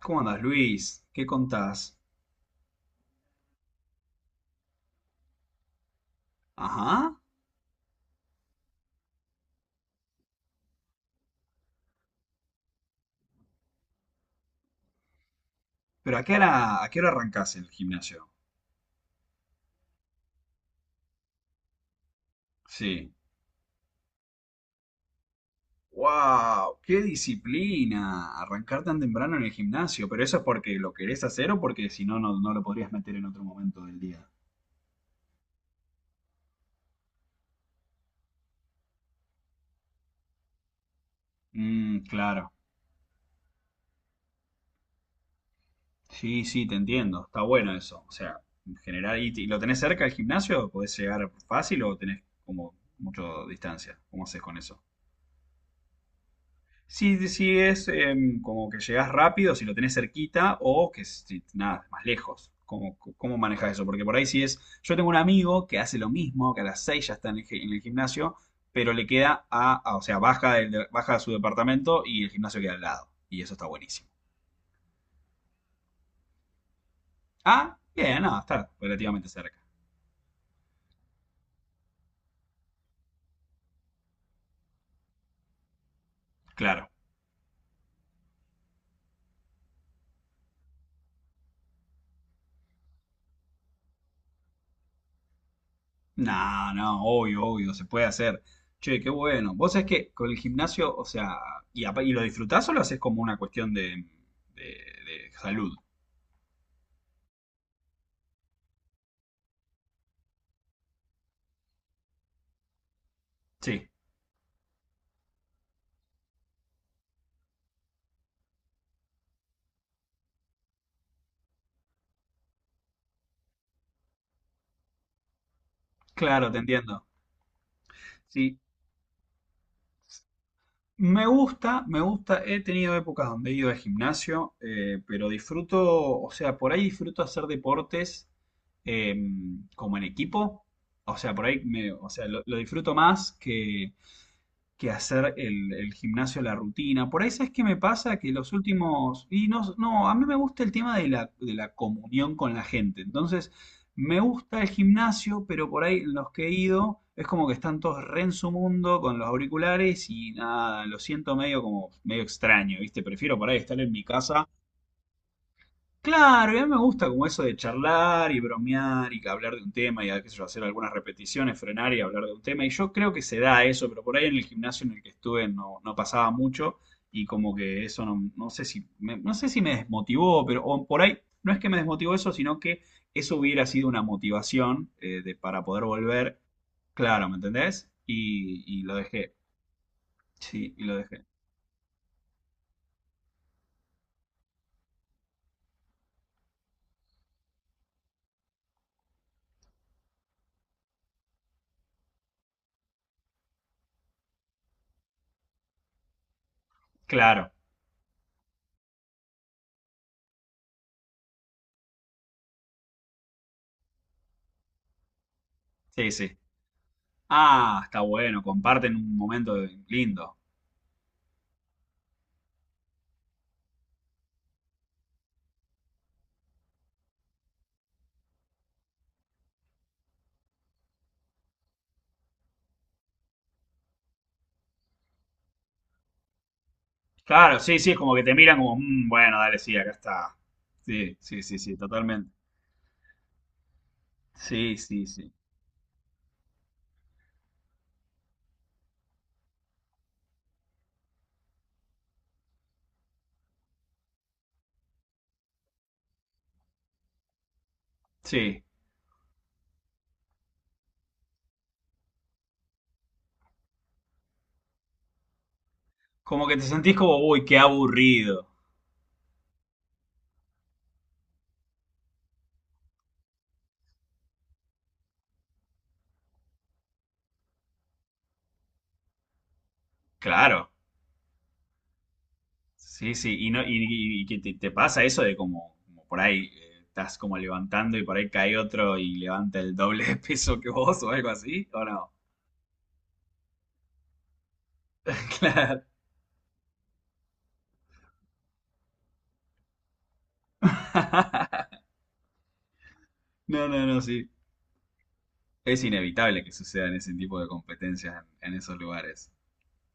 ¿Cómo andás, Luis? ¿Qué contás? Ajá. ¿Pero a qué hora arrancás el gimnasio? Sí. ¡Wow! ¡Qué disciplina! Arrancar tan temprano en el gimnasio. ¿Pero eso es porque lo querés hacer o porque si no, no, no lo podrías meter en otro momento del día? Mm, claro. Sí, sí, te entiendo. Está bueno eso. O sea, en general, ¿y lo tenés cerca del gimnasio? ¿Podés llegar fácil o tenés como mucha distancia? ¿Cómo haces con eso? Si es como que llegas rápido, si lo tenés cerquita, o que si, nada, más lejos. ¿Cómo manejas eso? Porque por ahí si es. Yo tengo un amigo que hace lo mismo, que a las 6 ya está en el gimnasio, pero le queda o sea, baja a su departamento y el gimnasio queda al lado. Y eso está buenísimo. Ah, bien, no, está relativamente cerca. Claro. No, no, obvio, obvio, se puede hacer. Che, qué bueno. Vos sabés que con el gimnasio, o sea, y lo disfrutás o lo haces como una cuestión de, de salud. Sí, claro, te entiendo. Sí, me gusta, me gusta. He tenido épocas donde he ido al gimnasio, pero disfruto, o sea, por ahí disfruto hacer deportes eh, como en equipo. O sea, por ahí o sea, lo disfruto más que hacer el gimnasio, la rutina. Por ahí, ¿sabes qué me pasa? Que los últimos. Y no, no, a mí me gusta el tema de la comunión con la gente. Entonces, me gusta el gimnasio, pero por ahí los que he ido es como que están todos re en su mundo con los auriculares y nada, lo siento medio como medio extraño, ¿viste? Prefiero por ahí estar en mi casa. Claro, y a mí me gusta como eso de charlar y bromear y hablar de un tema y qué sé yo, hacer algunas repeticiones, frenar y hablar de un tema. Y yo creo que se da eso, pero por ahí en el gimnasio en el que estuve no, no pasaba mucho, y como que eso no, no sé si me desmotivó, pero o por ahí no es que me desmotivó eso, sino que eso hubiera sido una motivación para poder volver. Claro, ¿me entendés? Y lo dejé. Sí, y lo dejé. Claro, sí, sí. Ah, está bueno, comparten un momento lindo. Claro, sí, sí, es como que te miran como, "Mm, bueno, dale, sí, acá está". Sí, sí, sí, sí, totalmente. Sí, sí, sí. Sí. Como que te sentís como, uy, qué aburrido. Claro. Sí, sí. Y no, y que te pasa eso de como por ahí estás como levantando y por ahí cae otro y levanta el doble de peso que vos o algo así, ¿o no? Claro. No, no, no, sí. Es inevitable que sucedan ese tipo de competencias en esos lugares.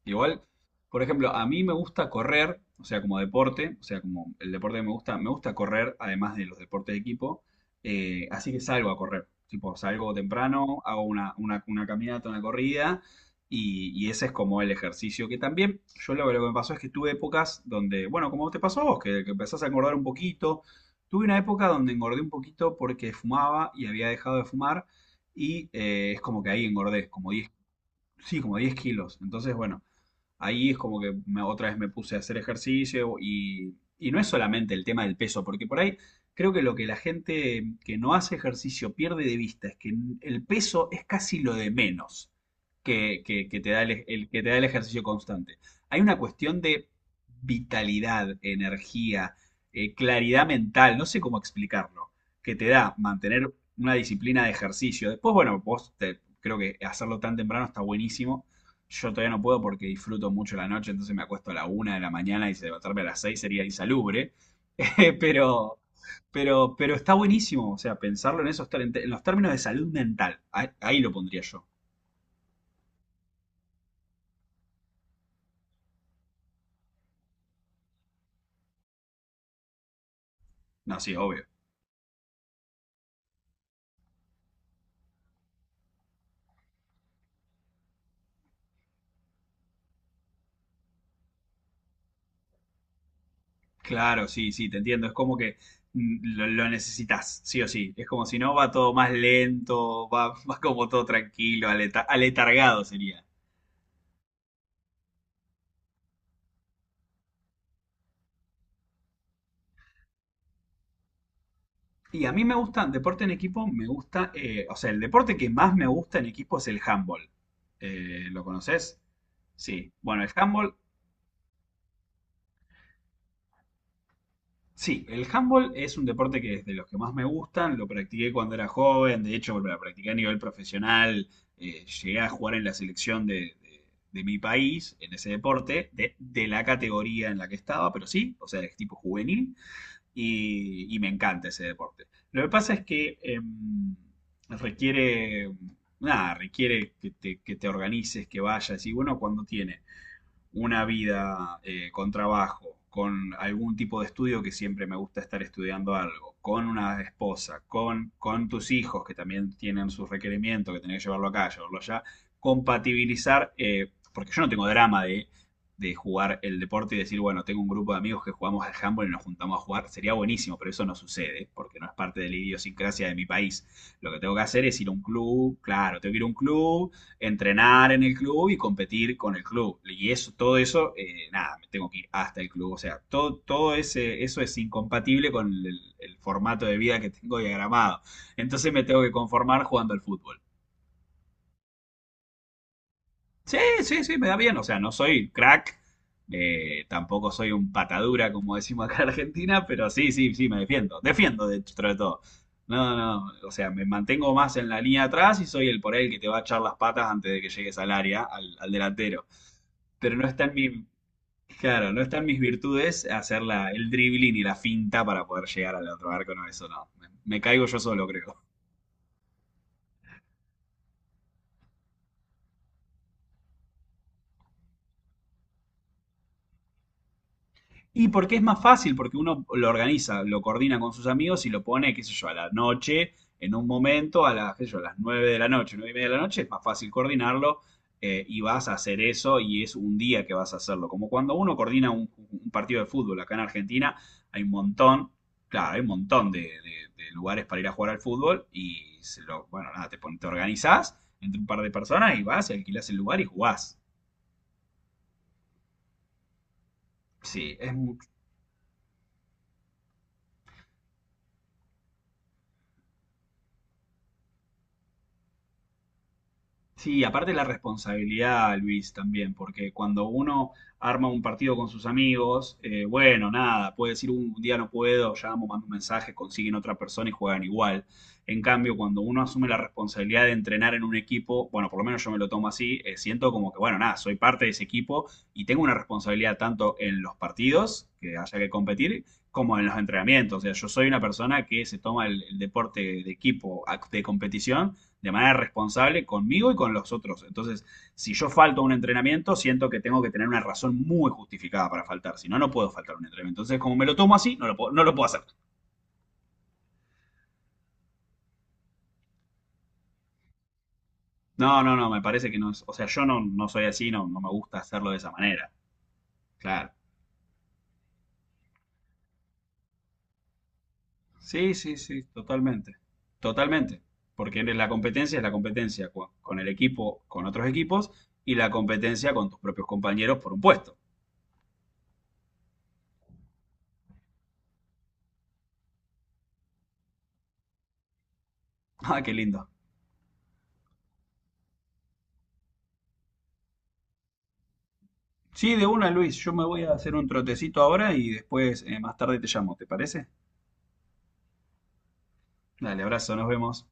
Igual, por ejemplo, a mí me gusta correr, o sea, como deporte, o sea, como el deporte que me gusta correr, además de los deportes de equipo, así que salgo a correr. Tipo, salgo temprano, hago una caminata, una corrida, y ese es como el ejercicio que también, lo que me pasó es que tuve épocas donde, bueno, como te pasó a vos, que empezás a engordar un poquito, tuve una época donde engordé un poquito porque fumaba y había dejado de fumar, y es como que ahí engordé, como 10, sí, como 10 kilos. Entonces, bueno, ahí es como que otra vez me puse a hacer ejercicio y, no es solamente el tema del peso, porque por ahí creo que lo que la gente que no hace ejercicio pierde de vista es que el peso es casi lo de menos que te da el ejercicio constante. Hay una cuestión de vitalidad, energía, claridad mental, no sé cómo explicarlo, que te da mantener una disciplina de ejercicio. Después, bueno, creo que hacerlo tan temprano está buenísimo. Yo todavía no puedo porque disfruto mucho la noche, entonces me acuesto a la 1 de la mañana y levantarme a las 6 sería insalubre. Eh, Pero, pero está buenísimo, o sea, pensarlo en esos, en los términos de salud mental. Ahí lo pondría yo. No, sí, obvio. Claro, sí, sí, te entiendo. Es como que lo necesitas, sí o sí. Es como si no, va todo más lento, va, va como todo tranquilo, aletargado sería. Y a mí me gusta, deporte en equipo, me gusta, o sea, el deporte que más me gusta en equipo es el handball. ¿Lo conoces? Sí. Bueno, el handball, sí, el handball es un deporte que es de los que más me gustan, lo practiqué cuando era joven, de hecho, lo practiqué a nivel profesional, llegué a jugar en la selección de, de mi país, en ese deporte, de la categoría en la que estaba, pero sí, o sea, es tipo juvenil. Y me encanta ese deporte. Lo que pasa es que requiere, nada, requiere que te organices, que vayas y bueno, cuando tiene una vida con trabajo, con algún tipo de estudio que siempre me gusta estar estudiando algo, con una esposa, con tus hijos que también tienen sus requerimientos, que tenés que llevarlo acá, llevarlo allá, compatibilizar, porque yo no tengo drama de jugar el deporte y decir, bueno, tengo un grupo de amigos que jugamos al handball y nos juntamos a jugar, sería buenísimo, pero eso no sucede, porque no es parte de la idiosincrasia de mi país. Lo que tengo que hacer es ir a un club, claro, tengo que ir a un club, entrenar en el club y competir con el club. Y eso, todo eso, nada, me tengo que ir hasta el club. O sea, todo, todo ese, eso es incompatible con el formato de vida que tengo diagramado. Entonces me tengo que conformar jugando al fútbol. Sí, sí, sí, me da bien. O sea, no soy crack, tampoco soy un patadura, como decimos acá en Argentina, pero sí, sí, sí, me defiendo. Defiendo dentro de todo. No, no, o sea, me mantengo más en la línea de atrás y soy el por ahí el que te va a echar las patas antes de que llegues al área, al delantero. Pero no está en mi, claro, no está en mis virtudes hacer el dribbling y la finta para poder llegar al otro arco, no, eso no. Me caigo yo solo, creo. Y porque es más fácil, porque uno lo organiza, lo coordina con sus amigos y lo pone, qué sé yo, a la noche, en un momento, a las, qué sé yo, a las 9 de la noche, 9:30 de la noche, es más fácil coordinarlo y vas a hacer eso y es un día que vas a hacerlo. Como cuando uno coordina un partido de fútbol, acá en Argentina hay un montón, claro, hay un montón de, de lugares para ir a jugar al fútbol y se lo, bueno, nada, te organizás entre un par de personas y vas y alquilás el lugar y jugás. Sí, es. Sí, aparte la responsabilidad, Luis, también, porque cuando uno arma un partido con sus amigos, bueno, nada, puede decir un día no puedo, llamo, mando un mensaje, consiguen otra persona y juegan igual". En cambio, cuando uno asume la responsabilidad de entrenar en un equipo, bueno, por lo menos yo me lo tomo así, siento como que, bueno, nada, soy parte de ese equipo y tengo una responsabilidad tanto en los partidos, que haya que competir, como en los entrenamientos. O sea, yo soy una persona que se toma el deporte de equipo, de competición de manera responsable conmigo y con los otros. Entonces, si yo falto a un entrenamiento, siento que tengo que tener una razón muy justificada para faltar. Si no, no puedo faltar a un entrenamiento. Entonces, como me lo tomo así, no lo puedo, no lo puedo hacer. No, no, no, me parece que no es. O sea, yo no, no soy así, no, no me gusta hacerlo de esa manera. Claro. Sí, sí, sí, totalmente. Totalmente. Porque eres la competencia es la competencia con el equipo, con otros equipos, y la competencia con tus propios compañeros por un puesto. Ah, qué lindo. Sí, de una, Luis. Yo me voy a hacer un trotecito ahora y después, más tarde te llamo, ¿te parece? Dale, abrazo, nos vemos.